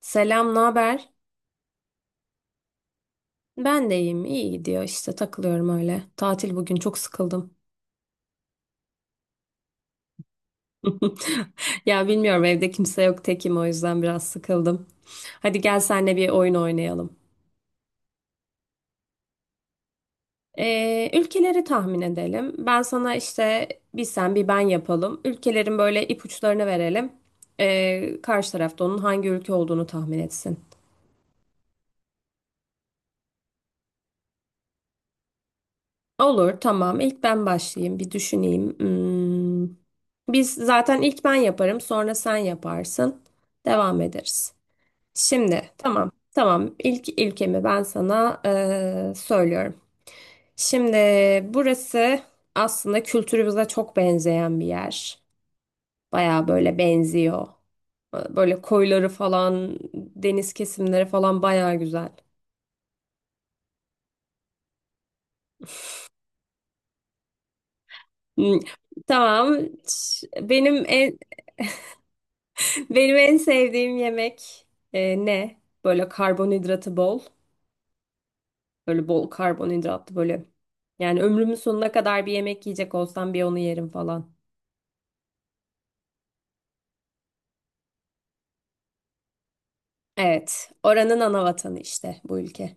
Selam, ne haber? Ben de iyiyim. İyi gidiyor işte takılıyorum öyle. Tatil bugün çok sıkıldım. Ya bilmiyorum, evde kimse yok, tekim, o yüzden biraz sıkıldım. Hadi gel, senle bir oyun oynayalım. Ülkeleri tahmin edelim. Ben sana işte bir sen bir ben yapalım. Ülkelerin böyle ipuçlarını verelim. Karşı tarafta onun hangi ülke olduğunu tahmin etsin. Olur, tamam. İlk ben başlayayım, bir düşüneyim. Hmm. Biz zaten ilk ben yaparım, sonra sen yaparsın. Devam ederiz. Şimdi, tamam, tamam. İlk ilkemi ben sana söylüyorum. Şimdi burası aslında kültürümüze çok benzeyen bir yer. Baya böyle benziyor. Böyle koyları falan, deniz kesimleri falan baya güzel. Hmm, Tamam. Ş- Benim en, Benim en sevdiğim yemek ne? Böyle karbonhidratı bol. Böyle bol karbonhidratlı böyle. Yani ömrümün sonuna kadar bir yemek yiyecek olsam bir onu yerim falan. Evet. Oranın ana vatanı işte bu ülke.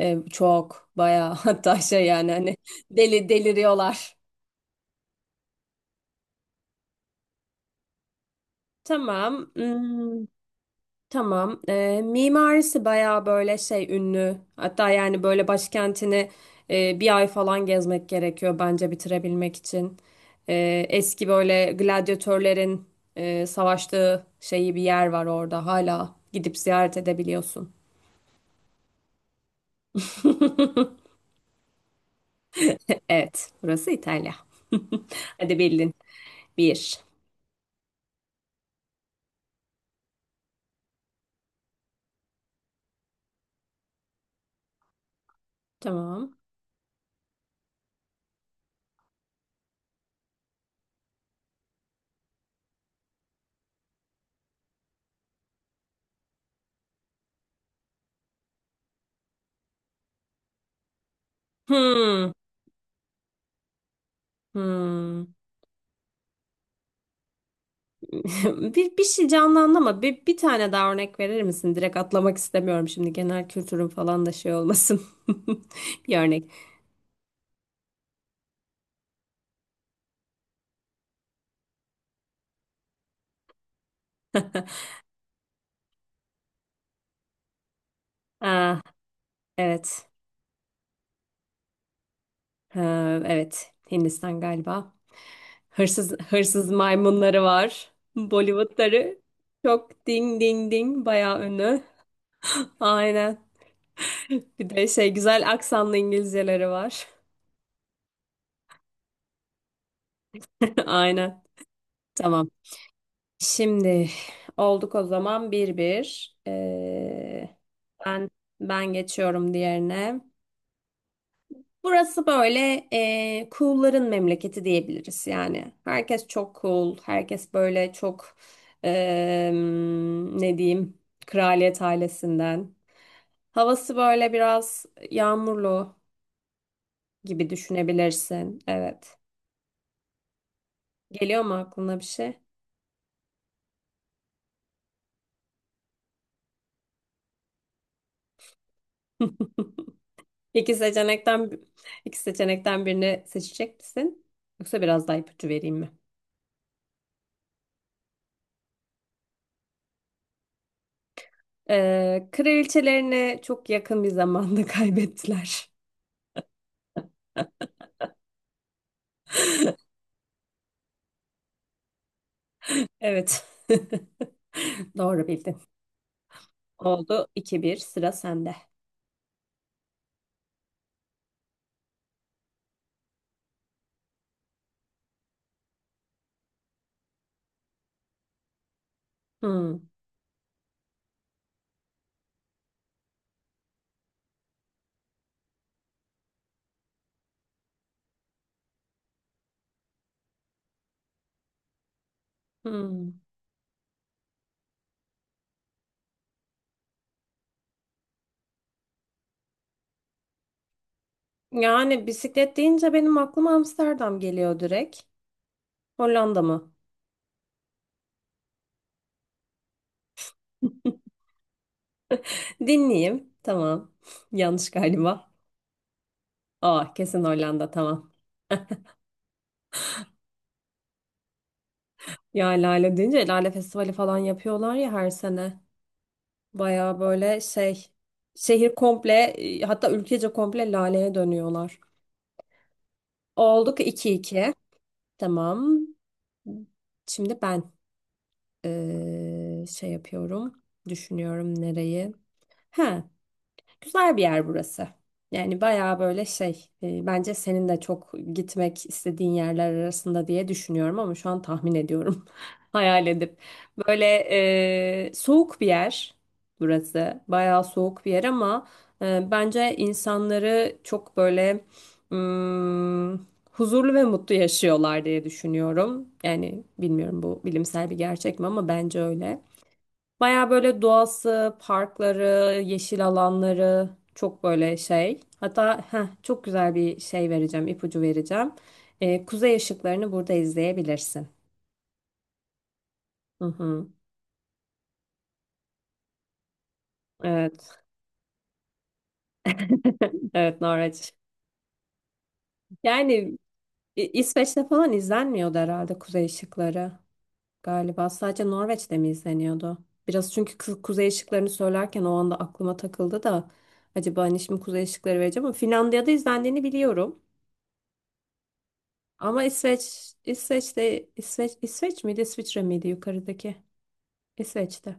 Çok bayağı, hatta şey yani hani deliriyorlar. Tamam. Tamam. Mimarisi bayağı böyle şey ünlü. Hatta yani böyle başkentini bir ay falan gezmek gerekiyor bence bitirebilmek için. Eski böyle gladyatörlerin savaştığı şeyi bir yer var orada. Hala gidip ziyaret edebiliyorsun. Evet, burası İtalya. Hadi bildin. Bir. Tamam. Hmm. Hmm. Bir şey canlandı ama bir tane daha örnek verir misin? Direkt atlamak istemiyorum şimdi, genel kültürün falan da şey olmasın. Bir örnek. Ah, evet. Ha, evet. Hindistan galiba. Hırsız hırsız maymunları var. Bollywoodları çok ding ding ding bayağı ünlü. Aynen. Bir de şey, güzel aksanlı İngilizceleri var. Aynen. Tamam. Şimdi olduk o zaman 1-1. Ben ben geçiyorum diğerine. Burası böyle cool'ların memleketi diyebiliriz yani. Herkes çok cool, herkes böyle çok ee, ne diyeyim, kraliyet ailesinden. Havası böyle biraz yağmurlu gibi düşünebilirsin. Evet. Geliyor mu aklına bir şey? İki seçenekten iki seçenekten birini seçecek misin? Yoksa biraz daha ipucu vereyim mi? Kraliçelerini çok yakın bir zamanda kaybettiler. Evet. Doğru bildin. Oldu 2-1, sıra sende. Hmm, hmm. Yani bisiklet deyince benim aklıma Amsterdam geliyor direkt. Hollanda mı? Dinleyeyim. Tamam. Yanlış galiba. Aa, kesin Hollanda, tamam. Ya, Lale deyince Lale Festivali falan yapıyorlar ya her sene. Baya böyle şey, şehir komple, hatta ülkece komple laleye dönüyorlar. Olduk 2-2. Tamam. Şimdi ben şey yapıyorum. Düşünüyorum nereyi. Ha, güzel bir yer burası. Yani baya böyle şey, bence senin de çok gitmek istediğin yerler arasında diye düşünüyorum, ama şu an tahmin ediyorum hayal edip. Böyle soğuk bir yer burası. Bayağı soğuk bir yer, ama bence insanları çok böyle mm, huzurlu ve mutlu yaşıyorlar diye düşünüyorum. Yani bilmiyorum bu bilimsel bir gerçek mi, ama bence öyle. Bayağı böyle doğası, parkları, yeşil alanları çok böyle şey. Hatta çok güzel ipucu vereceğim. Kuzey ışıklarını burada izleyebilirsin. Hı hı. Evet. Evet, Norveç. Yani İsveç'te falan izlenmiyordu herhalde Kuzey Işıkları galiba. Sadece Norveç'te mi izleniyordu? Biraz, çünkü Kuzey Işıklarını söylerken o anda aklıma takıldı da, acaba hani şimdi Kuzey Işıkları vereceğim ama Finlandiya'da izlendiğini biliyorum. Ama İsveç miydi, İsviçre miydi yukarıdaki? İsveç'te.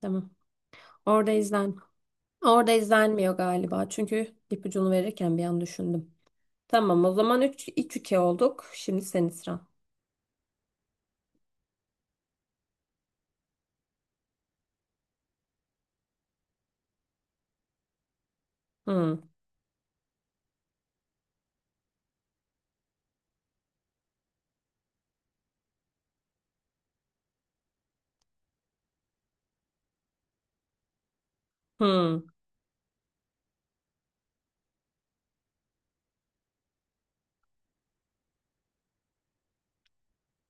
Tamam. Orada izlen. Orada izlenmiyor galiba. Çünkü ipucunu verirken bir an düşündüm. Tamam, o zaman üç 2 olduk. Şimdi senin sıran. Hı, hı.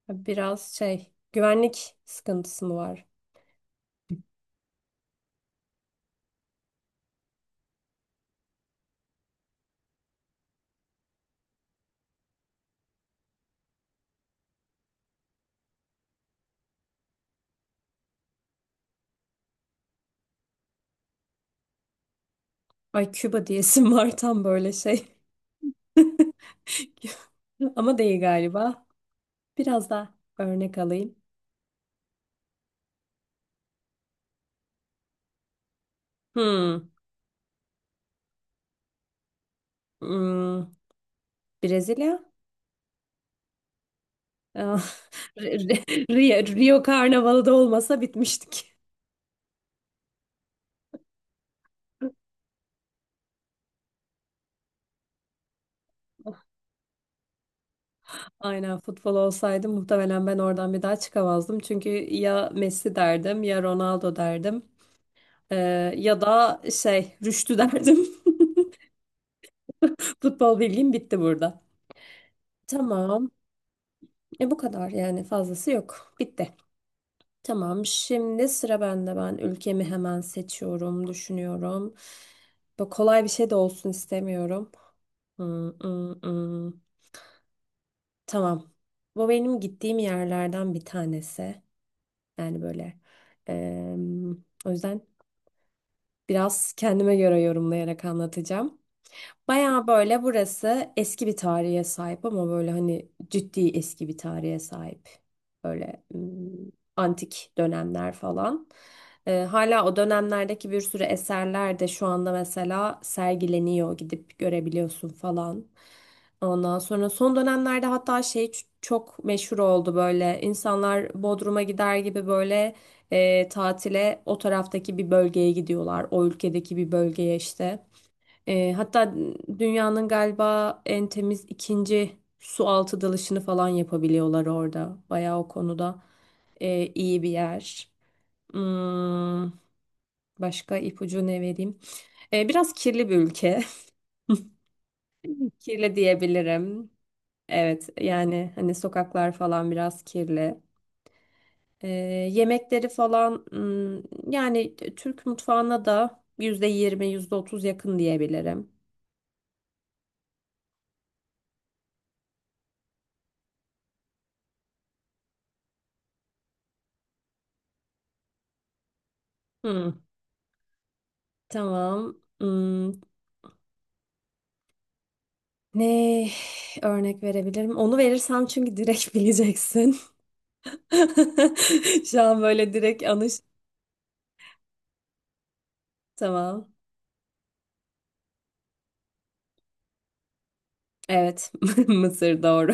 Biraz şey, güvenlik sıkıntısı mı var? Ay, Küba diyesim var tam, böyle şey. Ama değil galiba. Biraz daha örnek alayım. Hı, hmm, Brezilya? Ah, Rio Karnavalı da olmasa bitmiştik. Aynen, futbol olsaydı muhtemelen ben oradan bir daha çıkamazdım. Çünkü ya Messi derdim, ya Ronaldo derdim. Ya da şey, Rüştü derdim. Futbol bilgim bitti burada. Tamam. E bu kadar yani, fazlası yok. Bitti. Tamam. Şimdi sıra bende. Ben ülkemi hemen seçiyorum, düşünüyorum. Böyle kolay bir şey de olsun istemiyorum. Hmm, hmm, hmm. Tamam. Bu benim gittiğim yerlerden bir tanesi. Yani böyle, em, o yüzden biraz kendime göre yorumlayarak anlatacağım. Baya böyle burası eski bir tarihe sahip, ama böyle hani ciddi eski bir tarihe sahip. Böyle antik dönemler falan. Hala o dönemlerdeki bir sürü eserler de şu anda mesela sergileniyor. Gidip görebiliyorsun falan. Ondan sonra son dönemlerde hatta şey çok meşhur oldu böyle. İnsanlar Bodrum'a gider gibi böyle tatile o taraftaki bir bölgeye gidiyorlar. O ülkedeki bir bölgeye işte. Hatta dünyanın galiba en temiz ikinci su altı dalışını falan yapabiliyorlar orada. Bayağı o konuda iyi bir yer. Hmm, başka ipucu ne vereyim? Biraz kirli bir ülke. Kirli diyebilirim. Evet, yani hani sokaklar falan biraz kirli. E, yemekleri falan, yani Türk mutfağına da %20, yüzde otuz yakın diyebilirim. Hmm, tamam. Ne örnek verebilirim? Onu verirsem, çünkü direkt bileceksin. Şu an böyle direkt anış. Tamam. Evet. Mısır doğru.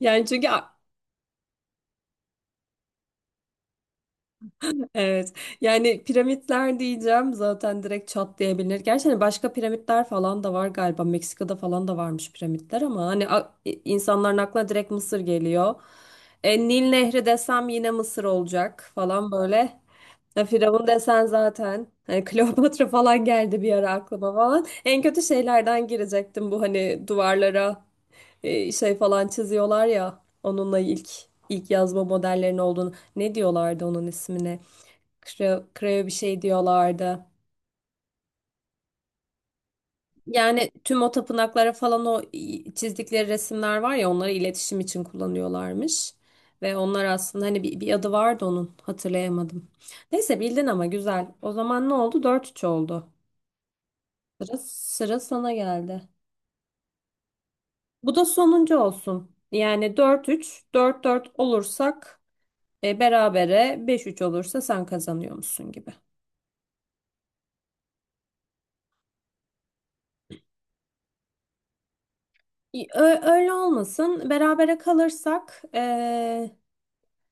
Yani çünkü evet. Yani piramitler diyeceğim, zaten direkt çatlayabilir. Gerçi hani başka piramitler falan da var galiba. Meksika'da falan da varmış piramitler, ama hani insanların aklına direkt Mısır geliyor. Nil Nehri desem yine Mısır olacak falan böyle. Ya Firavun desen zaten hani Kleopatra falan geldi bir ara aklıma falan. En kötü şeylerden girecektim, bu hani duvarlara şey falan çiziyorlar ya, onunla ilk yazma modellerinin olduğunu. Ne diyorlardı onun ismini? Kreo bir şey diyorlardı. Yani tüm o tapınaklara falan o çizdikleri resimler var ya, onları iletişim için kullanıyorlarmış. Ve onlar aslında hani bir adı vardı onun, hatırlayamadım. Neyse bildin, ama güzel. O zaman ne oldu? 4-3 oldu. Sıra sana geldi. Bu da sonuncu olsun. Yani 4-3, 4-4 olursak berabere, 5-3 olursa sen kazanıyor musun gibi. Öyle olmasın. Berabere kalırsak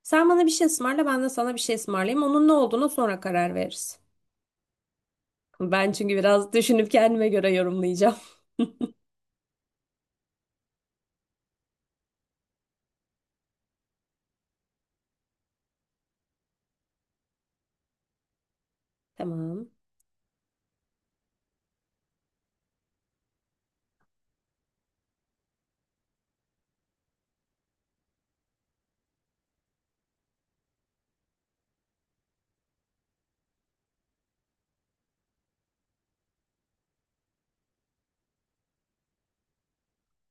sen bana bir şey ısmarla, ben de sana bir şey ısmarlayayım. Onun ne olduğuna sonra karar veririz. Ben çünkü biraz düşünüp kendime göre yorumlayacağım. Tamam.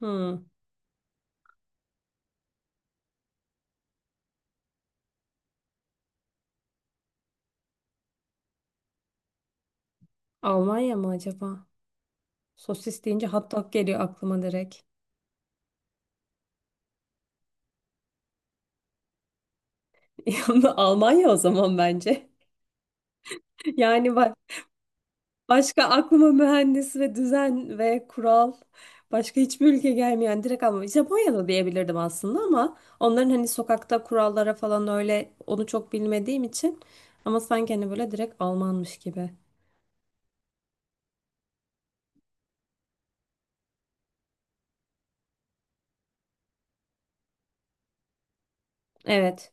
Hmm. Almanya mı acaba? Sosis deyince hot dog geliyor aklıma direkt. Yani Almanya, o zaman bence. Yani bak, başka aklıma mühendis ve düzen ve kural, başka hiçbir ülke gelmeyen direkt, ama Japonya'da diyebilirdim aslında, ama onların hani sokakta kurallara falan, öyle onu çok bilmediğim için, ama sanki hani böyle direkt Almanmış gibi. Evet,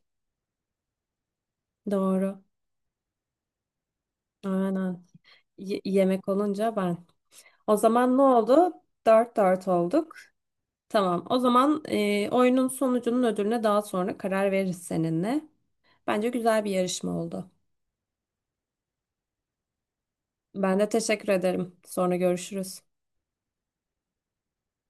doğru, aynen. Yemek olunca ben. O zaman ne oldu? 4-4 olduk. Tamam, o zaman oyunun sonucunun ödülüne daha sonra karar veririz seninle. Bence güzel bir yarışma oldu. Ben de teşekkür ederim. Sonra görüşürüz.